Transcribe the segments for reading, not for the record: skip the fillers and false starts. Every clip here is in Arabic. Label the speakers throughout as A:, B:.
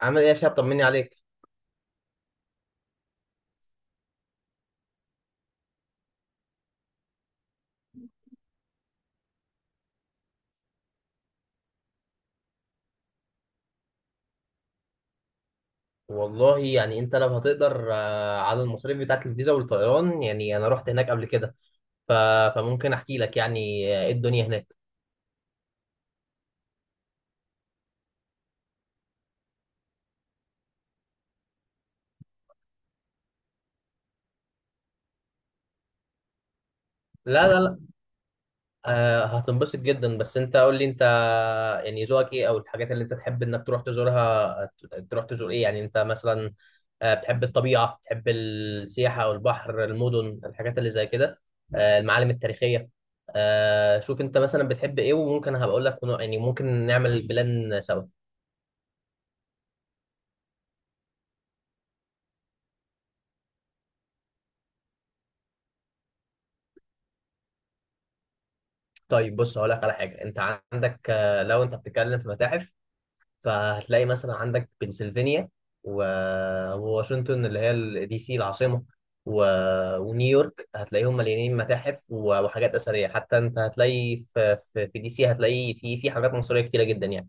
A: عامل ايه يا شباب؟ طمني عليك. والله يعني انت لو هتقدر على المصاريف بتاعت الفيزا والطيران، يعني انا رحت هناك قبل كده. ف... فممكن احكي لك يعني، ايه الدنيا هناك. لا لا لا، هتنبسط جدا، بس انت قول لي انت يعني ذوقك ايه، او الحاجات اللي انت تحب انك تروح تزورها. تروح تزور ايه يعني انت مثلا؟ بتحب الطبيعة؟ بتحب السياحة او البحر، المدن، الحاجات اللي زي كده؟ المعالم التاريخية؟ شوف انت مثلا بتحب ايه، وممكن هبقول لك يعني ممكن نعمل بلان سوا. طيب بص، هقول لك على حاجه. انت عندك لو انت بتتكلم في متاحف، فهتلاقي مثلا عندك بنسلفانيا وواشنطن، اللي هي دي سي العاصمه، و... ونيويورك. هتلاقيهم مليانين متاحف وحاجات اثريه. حتى انت هتلاقي في دي سي هتلاقي في حاجات مصريه كتيره جدا يعني.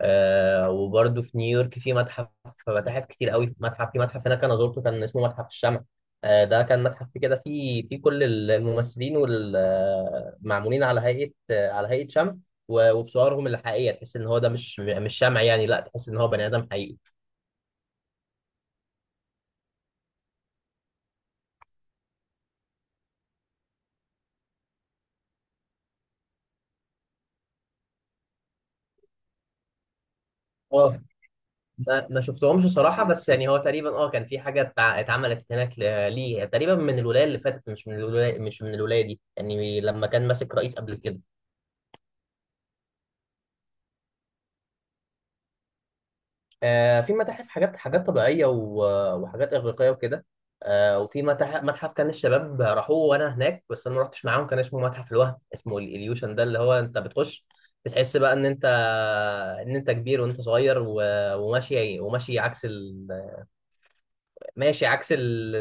A: آه، وبرده في نيويورك في متاحف كتير قوي. متحف هناك انا زرته، كان اسمه متحف الشمع. آه، ده كان متحف كده فيه كل الممثلين والمعمولين على هيئة آه، على هيئة شمع، وبصورهم الحقيقية. تحس ان هو ده مش شمع يعني، لا، تحس ان هو بني ادم حقيقي. اه، ما شفتهمش صراحة، بس يعني هو تقريبا اه كان في حاجة اتعملت هناك ليه تقريبا من الولاية اللي فاتت، مش من الولاية دي يعني، لما كان ماسك رئيس قبل كده. في متاحف حاجات طبيعية وحاجات إغريقية وكده. وفي متاحف، متحف كان الشباب راحوه وأنا هناك بس أنا ما رحتش معاهم، كان اسمه متحف الوهم، اسمه الإليوشن. ده اللي هو أنت بتخش، بتحس بقى إن أنت كبير وأنت صغير، وماشي عكس ال... ماشي عكس ال...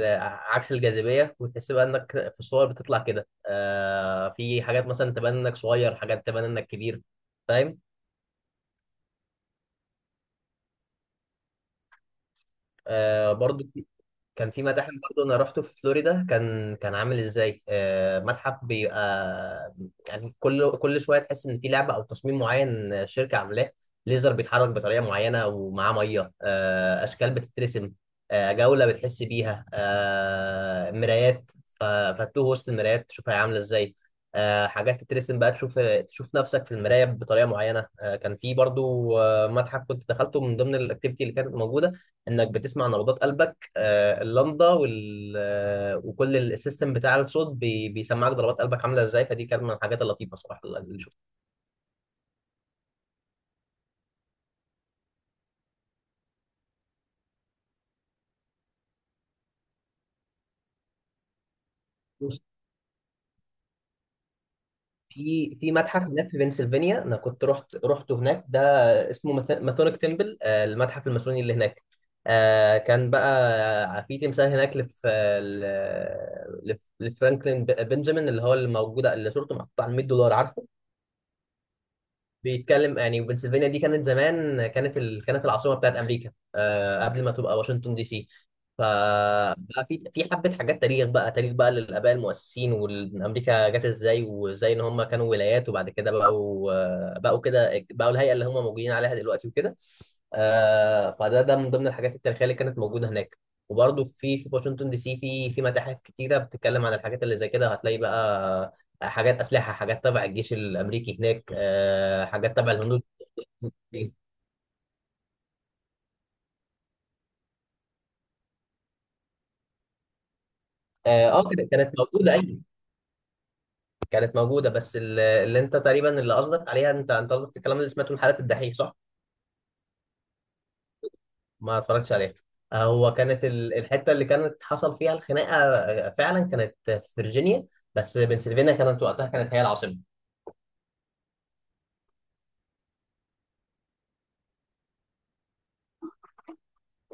A: عكس الجاذبية. وتحس بقى إنك في الصور بتطلع كده، آه، في حاجات مثلا تبان إنك صغير، حاجات تبان إنك كبير. فاهم؟ برضو كان في متاحف برضه انا رحته في فلوريدا، كان كان عامل ازاي، متحف بيبقى يعني كل شويه تحس ان في لعبه او تصميم معين، شركه عاملاه. ليزر بيتحرك بطريقه معينه ومعاه ميه، اشكال بتترسم. جوله بتحس بيها، مرايات. ف- فتوه وسط المرايات تشوفها عامله ازاي. حاجات تترسم بقى، تشوف نفسك في المرايه بطريقه معينه. كان في برضه متحف كنت دخلته من ضمن الاكتيفيتي اللي كانت موجوده، انك بتسمع نبضات قلبك. اللمضه وال وكل السيستم بتاع الصوت بيسمعك ضربات قلبك عامله ازاي. فدي كانت من الحاجات اللطيفه صراحه اللي شفتها. في متحف هناك في بنسلفانيا، انا كنت رحت هناك ده، اسمه ماثونيك تمبل، المتحف الماسوني اللي هناك. كان بقى في تمثال هناك، لف آه، ل- لف- لفرانكلين بنجامين، اللي هو اللي موجوده، اللي صورته محطوطه على $100، عارفه؟ بيتكلم يعني. وبنسلفانيا دي كانت زمان، كانت العاصمه بتاعت امريكا، آه، قبل ما تبقى واشنطن دي سي. فبقى في حبه حاجات تاريخ بقى للاباء المؤسسين، وامريكا جت ازاي، وازاي ان هم كانوا ولايات، وبعد كده بقوا الهيئه اللي هم موجودين عليها دلوقتي وكده. آه، فده من ضمن الحاجات التاريخيه اللي كانت موجوده هناك. وبرضه في واشنطن دي سي في متاحف كتيره بتتكلم عن الحاجات اللي زي كده. هتلاقي بقى حاجات اسلحه، حاجات تبع الجيش الامريكي هناك، حاجات تبع الهنود. اه، كانت موجوده، ايوه، كانت موجوده. بس اللي انت تقريبا اللي قصدك عليها، انت قصدك الكلام اللي سمعته من حلقه الدحيح، صح؟ ما اتفرجتش عليها. هو كانت الحته اللي كانت حصل فيها الخناقه فعلا كانت في فيرجينيا. بس بنسلفانيا كانت وقتها كانت هي العاصمه.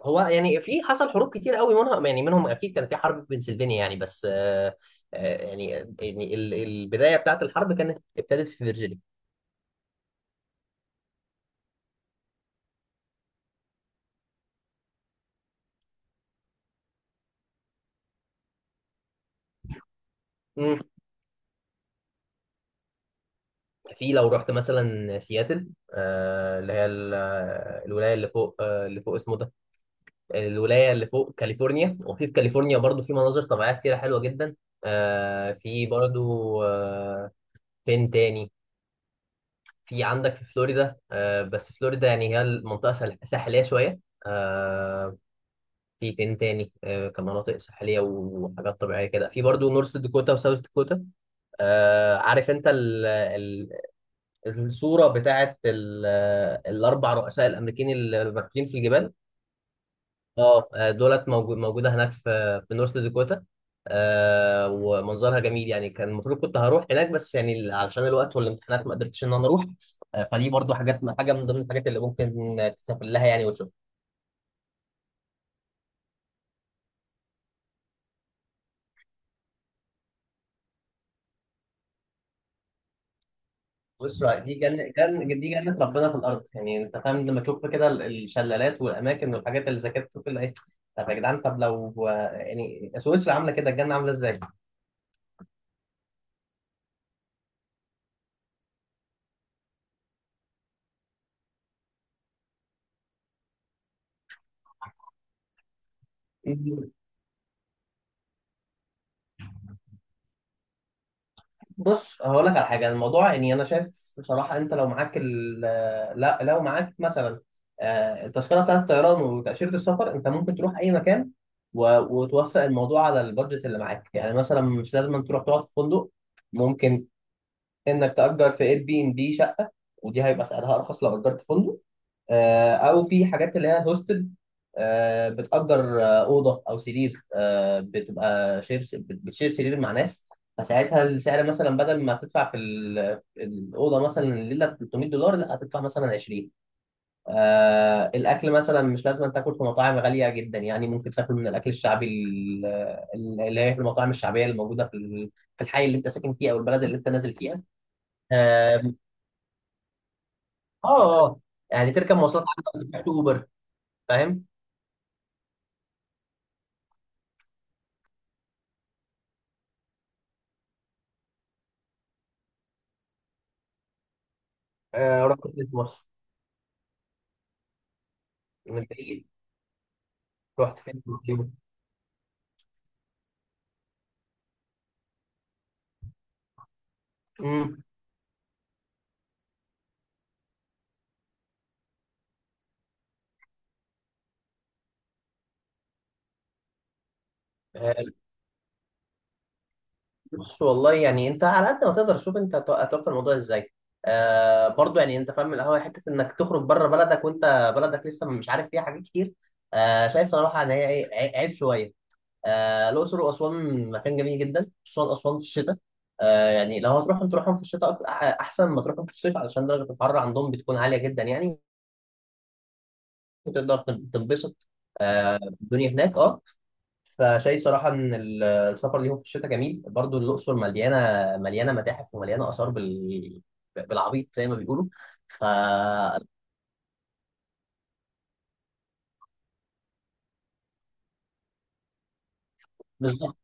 A: هو يعني في حصل حروب كتير قوي، منهم يعني منهم اكيد كان في حرب في بنسلفانيا يعني، بس آه، آه، يعني يعني ال- البدايه بتاعت الحرب كانت ابتدت في فيرجينيا. مم. في، لو رحت مثلا سياتل، آه اللي هي ال- آه، الولايه اللي فوق، آه اللي فوق اسمه ده الولايه اللي فوق كاليفورنيا. وفي كاليفورنيا برضو في مناظر طبيعيه كتيره حلوه جدا. آه في برضو آه فين تاني في عندك في فلوريدا، آه، بس فلوريدا يعني هي المنطقه ساحليه شويه. آه في فين تاني آه كمناطق ساحليه وحاجات طبيعيه كده، في برضو نورث داكوتا وساوث داكوتا. آه، عارف انت الصورة بتاعت الأربع رؤساء الأمريكيين اللي راكبين في الجبال؟ اه، موجودة هناك في في نورث داكوتا. آه، ومنظرها جميل يعني. كان المفروض كنت هروح هناك، بس يعني علشان الوقت والامتحانات ما قدرتش إن أنا أروح. آه، فدي برضو حاجة من ضمن الحاجات اللي ممكن تسافر لها يعني وتشوف. بص، دي جنة جن دي جنة ربنا في الأرض يعني، أنت فاهم لما تشوف كده الشلالات والأماكن والحاجات اللي زي كده، تشوف اللي إيه. طب يا جدعان، طب لو يعني سويسرا عاملة كده، الجنة عاملة إزاي؟ بص هقول لك على حاجه، الموضوع يعني انا شايف بصراحه انت لو معاك ال آه، لا، لو معاك مثلا التذكره بتاعت الطيران وتاشيره السفر، انت ممكن تروح اي مكان. وتوفق الموضوع على البادجت اللي معاك، يعني مثلا مش لازم تروح تقعد في فندق. ممكن انك تأجر في اير بي ام بي شقة، ودي هيبقى سعرها ارخص لو اجرت فندق. او في حاجات اللي هي هوستل، بتأجر أوضة أو سرير، بتبقى بتشير سرير مع ناس. فساعتها السعر مثلا بدل ما هتدفع في الأوضة مثلا الليلة ب $300، لا، هتدفع مثلا 20. الأكل مثلا مش لازم تاكل في مطاعم غالية جدا يعني، ممكن تاكل من الأكل الشعبي، اللي هي في المطاعم الشعبية اللي موجودة في الحي اللي أنت ساكن فيه، أو البلد اللي أنت نازل فيها. اه. آه، آه. يعني تركب مواصلات عامة، ما تروحش اوبر. فاهم؟ آه، رحت فين في مصر؟ من بعيد. رحت فين في مصر؟ امم. آه، بص والله يعني انت على قد ما تقدر شوف انت هتوفر الموضوع ازاي. آه، برضو يعني انت فاهم القهوه حته انك تخرج بره بلدك وانت بلدك لسه مش عارف فيها حاجات كتير. آه، شايف صراحه ان هي إيه، عيب شويه. آه، الاقصر واسوان مكان جميل جدا، خصوصا اسوان في الشتاء. آه، يعني لو هتروحهم تروحهم في الشتاء، احسن ما تروحهم في الصيف، علشان درجه الحراره عندهم بتكون عاليه جدا يعني. وتقدر تنبسط، الدنيا هناك اه. فشايف صراحة إن السفر ليهم في الشتاء جميل. برضو الأقصر مليانة متاحف ومليانة آثار بالعبيط زي ما بيقولوا. ف بالظبط.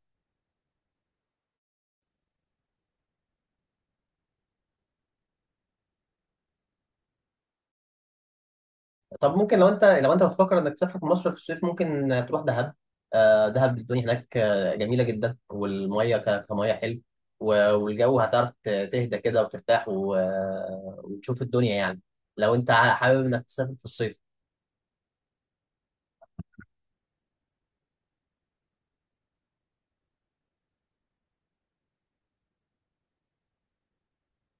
A: طب ممكن لو أنت بتفكر إنك تسافر في مصر في الصيف، ممكن تروح دهب. دهب الدنيا هناك جميلة جدا، والمية كمية حلو. والجو هتعرف تهدى كده وترتاح وتشوف الدنيا يعني، لو أنت حابب إنك تسافر في الصيف.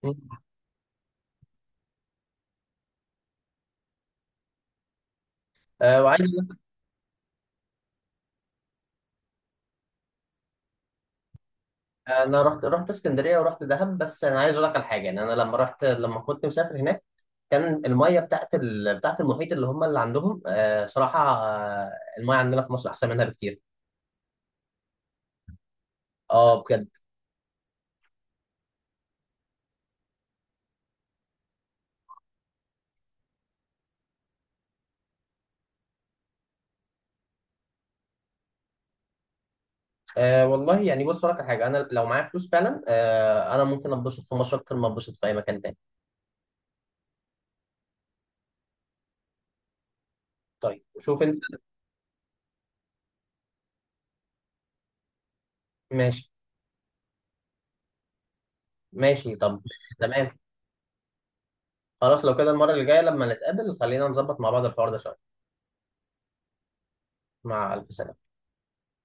A: مم. وعايز، انا رحت اسكندريه ورحت دهب، بس انا عايز اقول لك على حاجه يعني. انا لما رحت، لما كنت مسافر هناك، كان الميه بتاعت المحيط اللي هم اللي عندهم آه صراحه، آه، الميه عندنا في مصر احسن منها بكتير. اه بجد. آه، والله يعني بص اقول لك على حاجه، انا لو معايا فلوس فعلا آه، انا ممكن اتبسط في مصر اكتر ما اتبسط في اي مكان تاني. طيب شوف انت. ماشي، ماشي، طب، تمام. خلاص لو كده، المره اللي جايه لما نتقابل خلينا نظبط مع بعض الحوار ده شويه. مع الف سلامه.